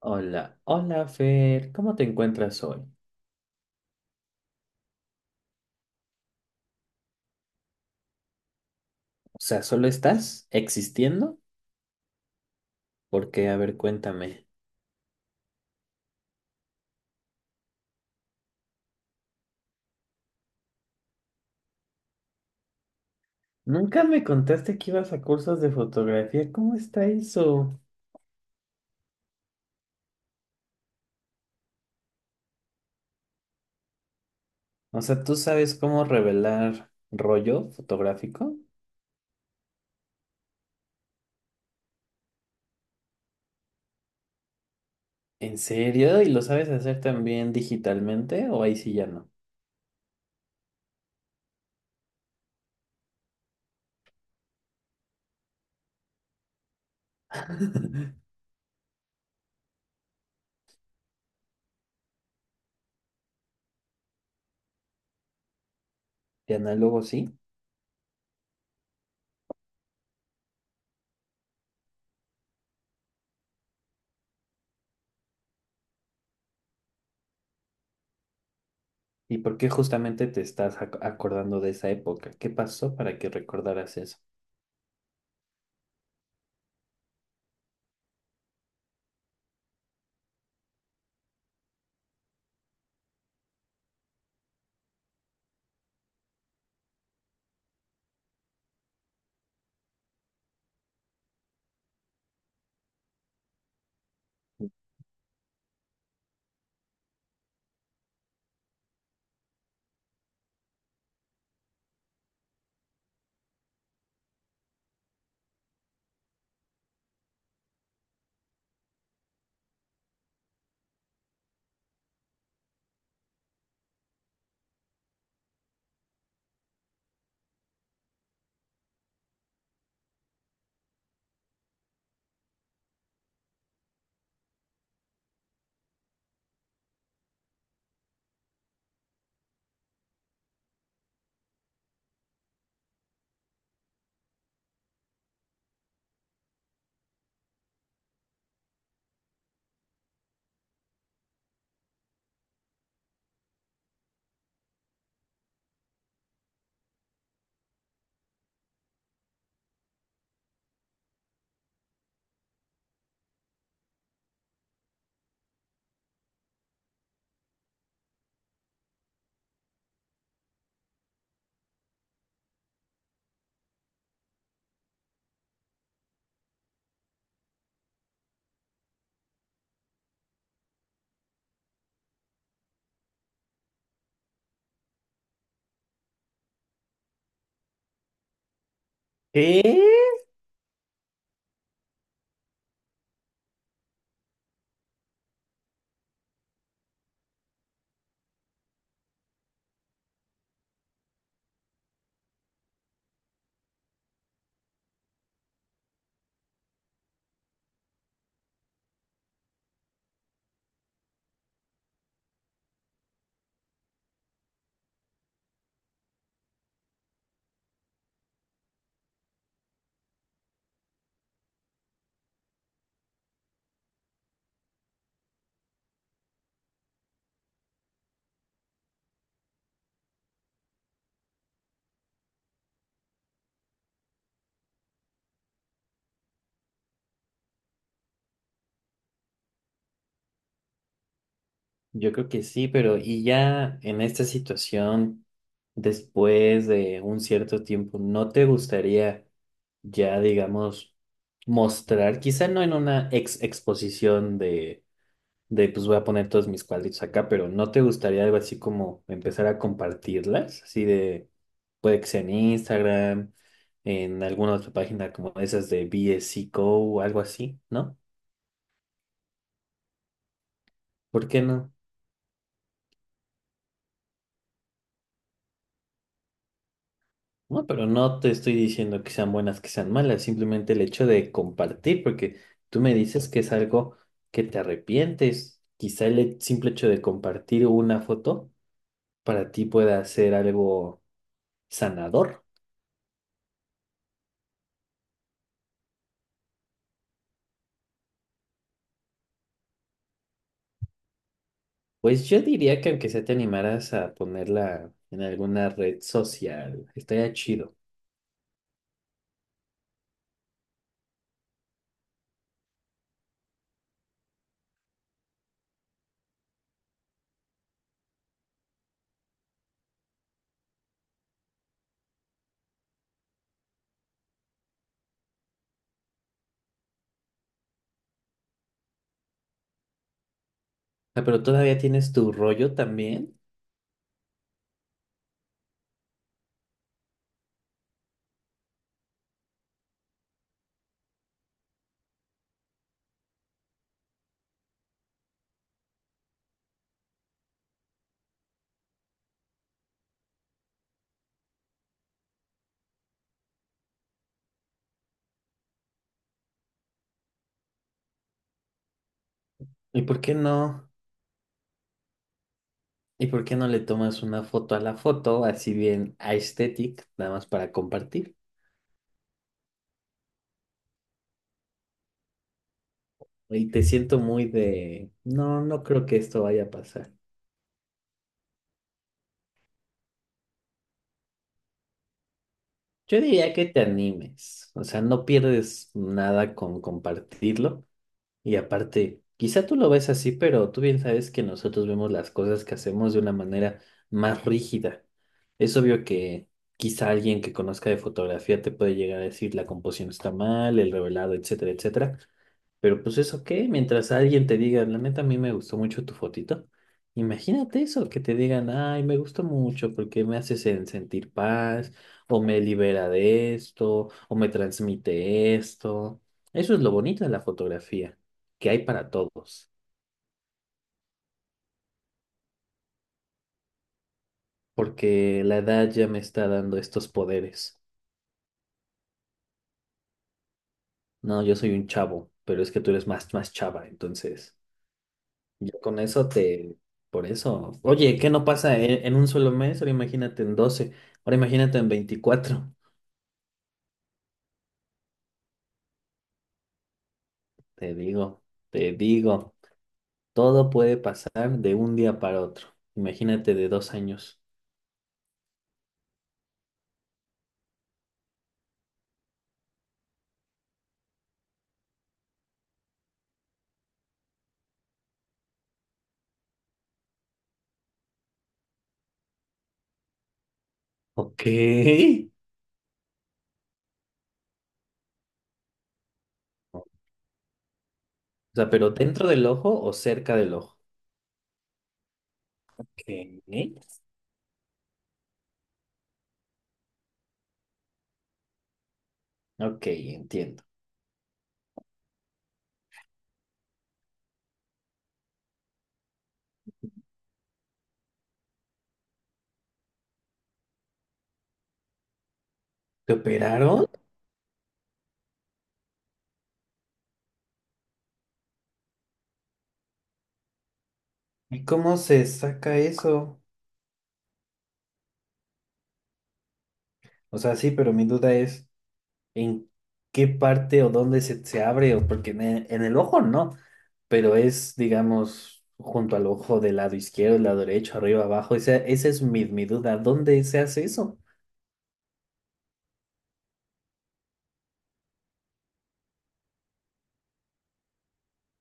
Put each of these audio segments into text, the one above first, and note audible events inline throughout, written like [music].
Hola, hola Fer, ¿cómo te encuentras hoy? O sea, ¿solo estás existiendo? Porque, a ver, cuéntame. Nunca me contaste que ibas a cursos de fotografía, ¿cómo está eso? O sea, ¿tú sabes cómo revelar rollo fotográfico? ¿En serio? ¿Y lo sabes hacer también digitalmente? ¿O ahí sí ya no? [laughs] ¿De análogo sí? ¿Y por qué justamente te estás acordando de esa época? ¿Qué pasó para que recordaras eso? ¿Qué? Yo creo que sí, pero y ya en esta situación, después de un cierto tiempo, ¿no te gustaría ya, digamos, mostrar, quizá no en una ex exposición de, pues voy a poner todos mis cuadritos acá, pero ¿no te gustaría algo así como empezar a compartirlas? Así de, puede que sea en Instagram, en alguna otra página como esas de BSC Co o algo así, ¿no? ¿Por qué no? No, pero no te estoy diciendo que sean buenas, que sean malas, simplemente el hecho de compartir, porque tú me dices que es algo que te arrepientes. Quizá el simple hecho de compartir una foto para ti pueda ser algo sanador. Pues yo diría que aunque sea te animaras a ponerla en alguna red social, estaría chido. Ah, pero todavía tienes tu rollo también. ¿Y por qué no? ¿Y por qué no le tomas una foto a la foto, así bien aesthetic, nada más para compartir? Y te siento muy de, no, no creo que esto vaya a pasar. Yo diría que te animes, o sea, no pierdes nada con compartirlo. Y aparte, quizá tú lo ves así, pero tú bien sabes que nosotros vemos las cosas que hacemos de una manera más rígida. Es obvio que quizá alguien que conozca de fotografía te puede llegar a decir la composición está mal, el revelado, etcétera, etcétera. Pero pues eso qué, mientras alguien te diga, la neta a mí me gustó mucho tu fotito, imagínate eso, que te digan, ay, me gustó mucho porque me hace sentir paz, o me libera de esto, o me transmite esto. Eso es lo bonito de la fotografía, que hay para todos, porque la edad ya me está dando estos poderes. No, yo soy un chavo, pero es que tú eres más chava, entonces... Yo con eso te... Por eso. Oye, ¿qué no pasa en un solo mes? Ahora imagínate en doce. Ahora imagínate en veinticuatro. Te digo, te digo. Todo puede pasar de un día para otro. Imagínate de dos años. Ok. O sea, pero dentro del ojo o cerca del ojo. ¿Qué? Ok, entiendo. ¿Te operaron? ¿Y cómo se saca eso? O sea, sí, pero mi duda es... en qué parte o dónde se abre, o porque en el ojo no, pero es, digamos, junto al ojo del lado izquierdo, del lado derecho, arriba, abajo. Esa es mi duda. ¿Dónde se hace eso?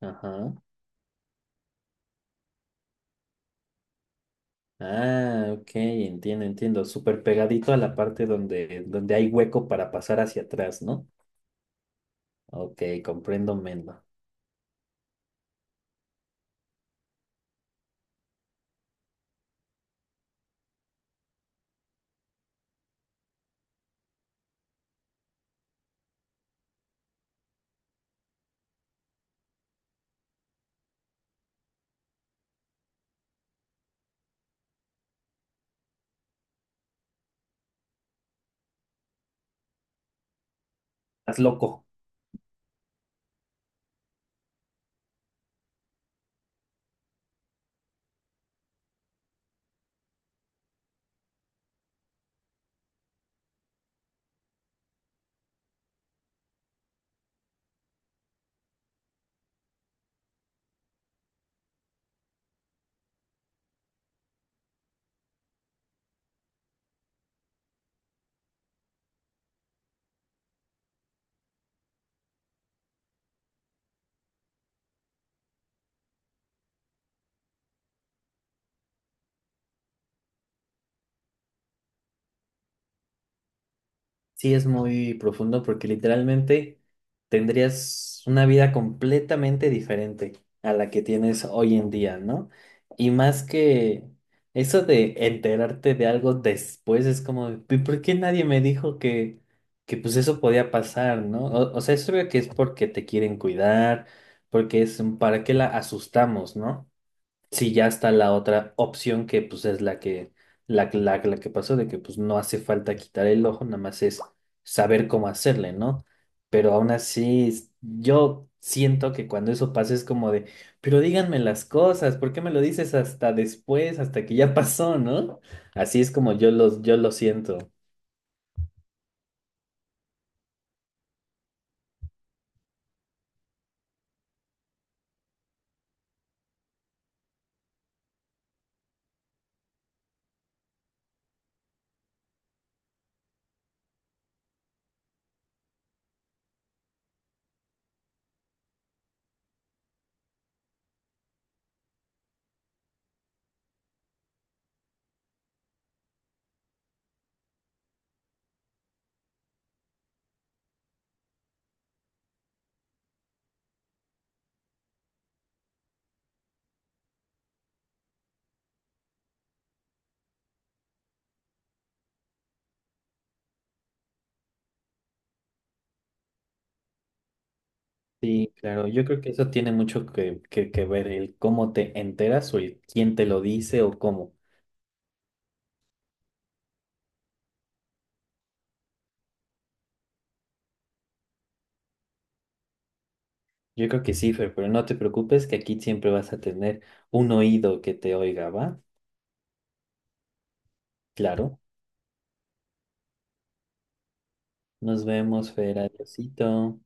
Ajá. Ah, ok, entiendo. Súper pegadito a la parte donde, donde hay hueco para pasar hacia atrás, ¿no? Ok, comprendo, Mendo. Estás loco. Sí, es muy profundo porque literalmente tendrías una vida completamente diferente a la que tienes hoy en día, ¿no? Y más que eso de enterarte de algo después es como, "¿Y ¿por qué nadie me dijo que pues eso podía pasar, ¿no? O sea, es obvio que es porque te quieren cuidar, porque es un para qué la asustamos, ¿no? Sí, ya está la otra opción que pues es la que, la que pasó, de que pues no hace falta quitar el ojo, nada más es saber cómo hacerle, ¿no? Pero aún así, yo siento que cuando eso pasa es como de, pero díganme las cosas, ¿por qué me lo dices hasta después, hasta que ya [laughs] pasó, ¿no? Así es como yo lo siento. Sí, claro, yo creo que eso tiene mucho que ver el cómo te enteras o el quién te lo dice o cómo. Yo creo que sí, Fer, pero no te preocupes que aquí siempre vas a tener un oído que te oiga, ¿va? Claro. Nos vemos, Fer. Adiósito.